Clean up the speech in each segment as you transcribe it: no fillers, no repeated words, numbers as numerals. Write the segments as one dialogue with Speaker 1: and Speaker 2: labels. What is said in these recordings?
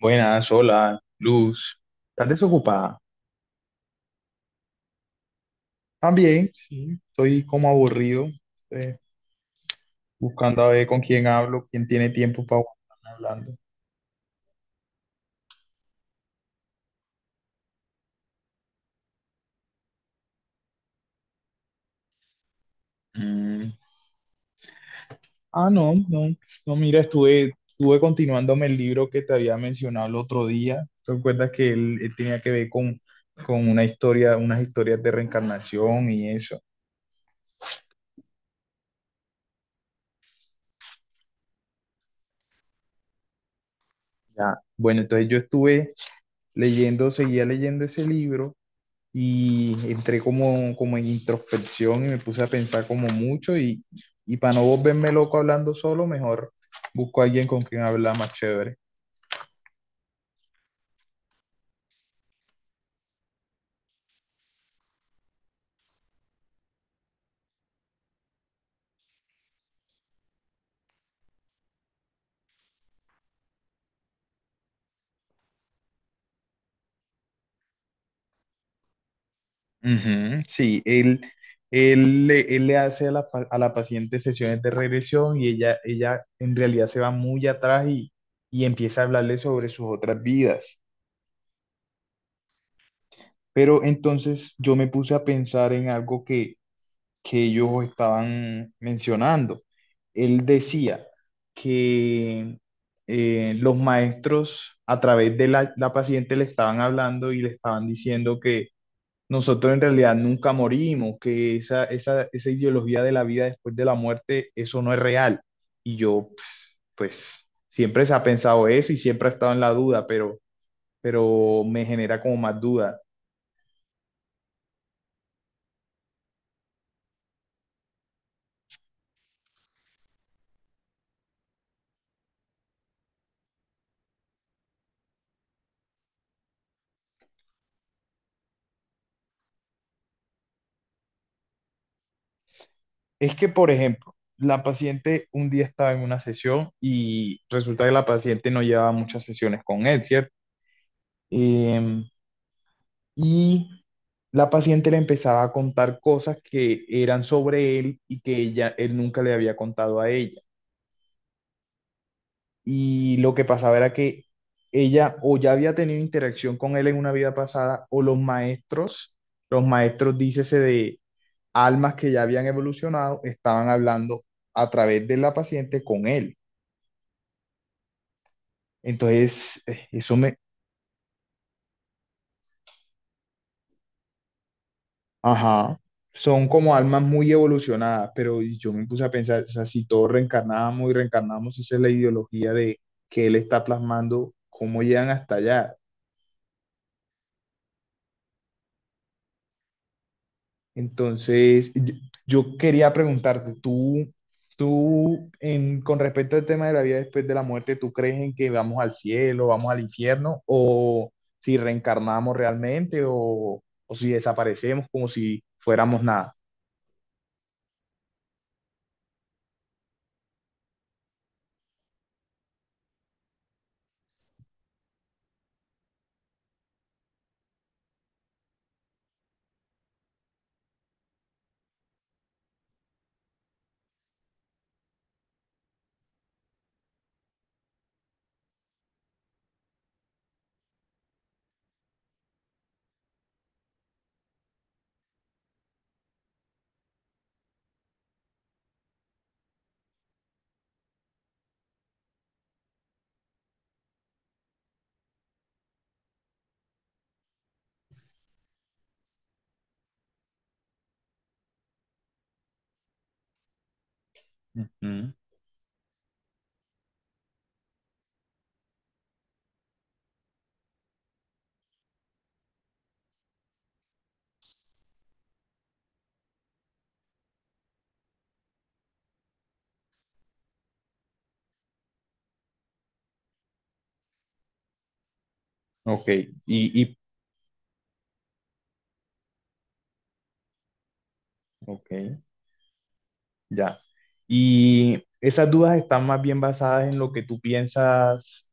Speaker 1: Buenas, hola, Luz. ¿Estás desocupada? También, sí, estoy como aburrido, eh, buscando a ver con quién hablo, quién tiene tiempo para hablando. Mm. Ah, no, mira, estuve continuándome el libro que te había mencionado el otro día. ¿Te acuerdas que él tenía que ver con una historia, unas historias de reencarnación y eso? Ya. Bueno, entonces yo estuve leyendo, seguía leyendo ese libro y entré como, como en introspección y me puse a pensar como mucho y para no volverme loco hablando solo, mejor busco a alguien con quien hablar más chévere. Ujú, sí. Él le hace a a la paciente sesiones de regresión y ella en realidad se va muy atrás y empieza a hablarle sobre sus otras vidas. Pero entonces yo me puse a pensar en algo que ellos estaban mencionando. Él decía que los maestros a través de la paciente le estaban hablando y le estaban diciendo que nosotros en realidad nunca morimos, que esa ideología de la vida después de la muerte, eso no es real. Y yo, pues, siempre se ha pensado eso y siempre ha estado en la duda, pero me genera como más duda. Es que, por ejemplo, la paciente un día estaba en una sesión y resulta que la paciente no llevaba muchas sesiones con él, ¿cierto? Em, y la paciente le empezaba a contar cosas que eran sobre él y que ella, él nunca le había contado a ella. Y lo que pasaba era que ella o ya había tenido interacción con él en una vida pasada o los maestros, dícese de almas que ya habían evolucionado, estaban hablando a través de la paciente con él. Entonces, eso me, ajá, son como almas muy evolucionadas, pero yo me puse a pensar, o sea, si todos reencarnamos y reencarnamos, esa es la ideología de que él está plasmando, cómo llegan hasta allá. Entonces, yo quería preguntarte, tú, en, con respecto al tema de la vida después de la muerte, ¿tú crees en que vamos al cielo, vamos al infierno, o si reencarnamos realmente, o si desaparecemos como si fuéramos nada? Ujú. Ok, y ok, ya. Y esas dudas están más bien basadas en lo que tú piensas,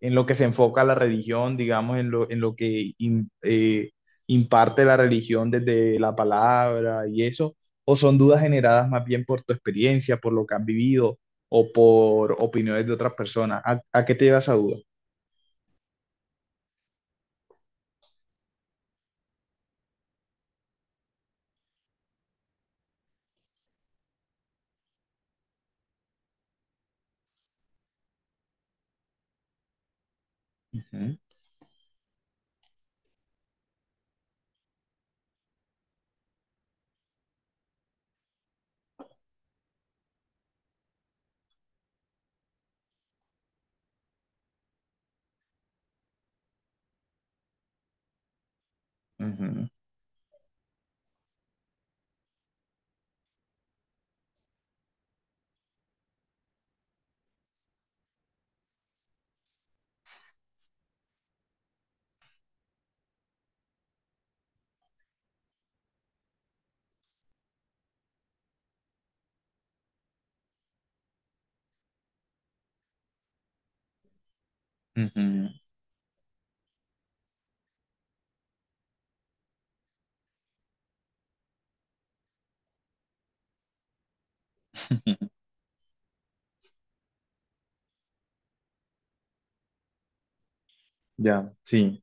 Speaker 1: en lo que se enfoca la religión, digamos, en lo que imparte la religión desde la palabra y eso, o son dudas generadas más bien por tu experiencia, por lo que has vivido o por opiniones de otras personas. A qué te lleva esa duda? Ujú, ujú, ujú, ujú. Ya, sí.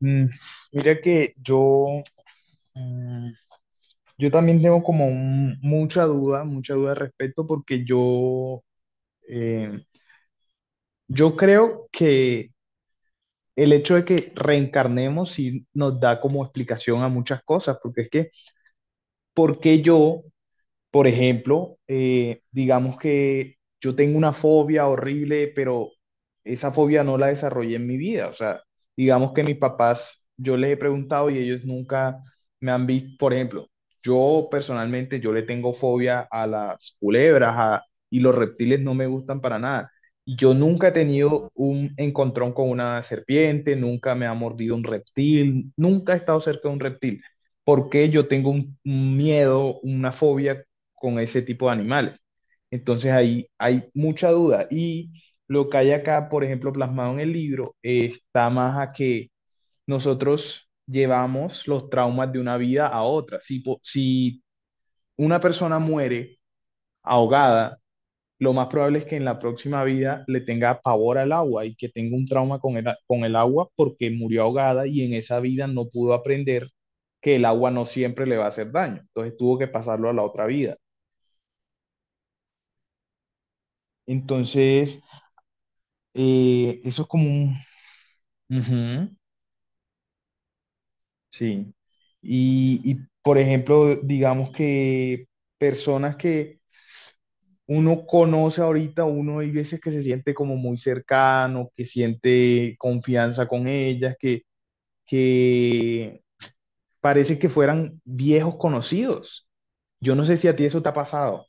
Speaker 1: Mm, mira que yo... Yo también tengo como mucha duda al respecto, porque yo, eh, yo creo que el hecho de que reencarnemos sí nos da como explicación a muchas cosas, porque es que, ¿por qué yo Por ejemplo, digamos que yo tengo una fobia horrible, pero esa fobia no la desarrollé en mi vida. O sea, digamos que mis papás, yo les he preguntado y ellos nunca me han visto. Por ejemplo, yo personalmente, yo le tengo fobia a las culebras y los reptiles no me gustan para nada. Y Yo nunca he tenido un encontrón con una serpiente, nunca me ha mordido un reptil, nunca he estado cerca de un reptil. ¿Por qué yo tengo un miedo, una fobia con ese tipo de animales. Entonces ahí hay mucha duda y lo que hay acá, por ejemplo, plasmado en el libro, está más a que nosotros llevamos los traumas de una vida a otra. Si una persona muere ahogada, lo más probable es que en la próxima vida le tenga pavor al agua y que tenga un trauma con con el agua porque murió ahogada y en esa vida no pudo aprender que el agua no siempre le va a hacer daño. Entonces tuvo que pasarlo a la otra vida. Entonces, eso es como un... Ujú, sí. Y, por ejemplo, digamos que personas que uno conoce ahorita, uno hay veces que se siente como muy cercano, que siente confianza con ellas, que parece que fueran viejos conocidos. Yo no sé si a ti eso te ha pasado.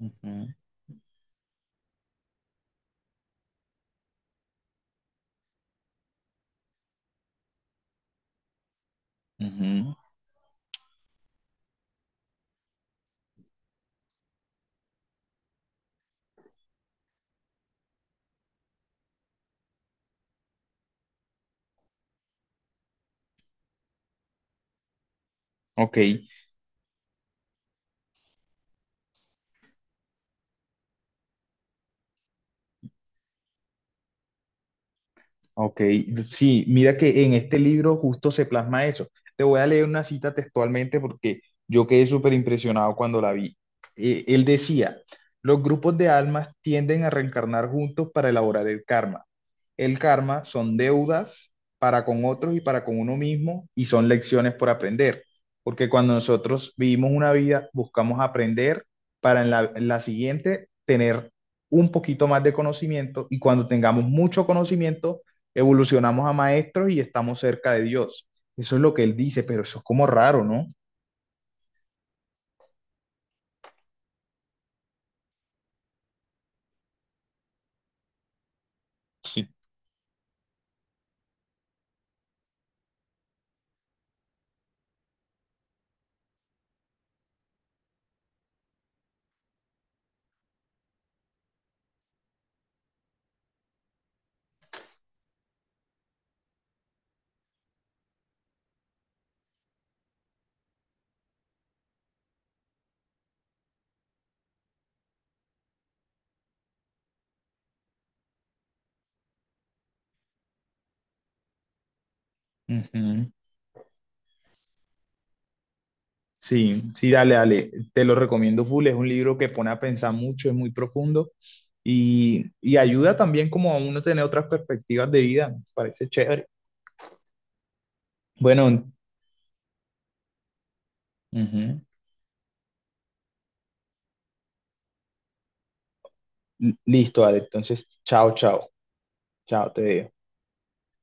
Speaker 1: Ujú, ujú. Ok. Ok, sí, mira que en este libro justo se plasma eso. Te voy a leer una cita textualmente porque yo quedé súper impresionado cuando la vi. Él decía, los grupos de almas tienden a reencarnar juntos para elaborar el karma. El karma son deudas para con otros y para con uno mismo y son lecciones por aprender, porque cuando nosotros vivimos una vida buscamos aprender para en en la siguiente tener un poquito más de conocimiento y cuando tengamos mucho conocimiento evolucionamos a maestros y estamos cerca de Dios. Eso es lo que él dice, pero eso es como raro, ¿no? Sí. Ujú. Sí, sí, dale, dale. Te lo recomiendo full. Es un libro que pone a pensar mucho, es muy profundo y ayuda también como a uno tener otras perspectivas de vida. Me parece chévere. Bueno, ujú. Listo, dale. Entonces, chao, chao. Chao, te dejo.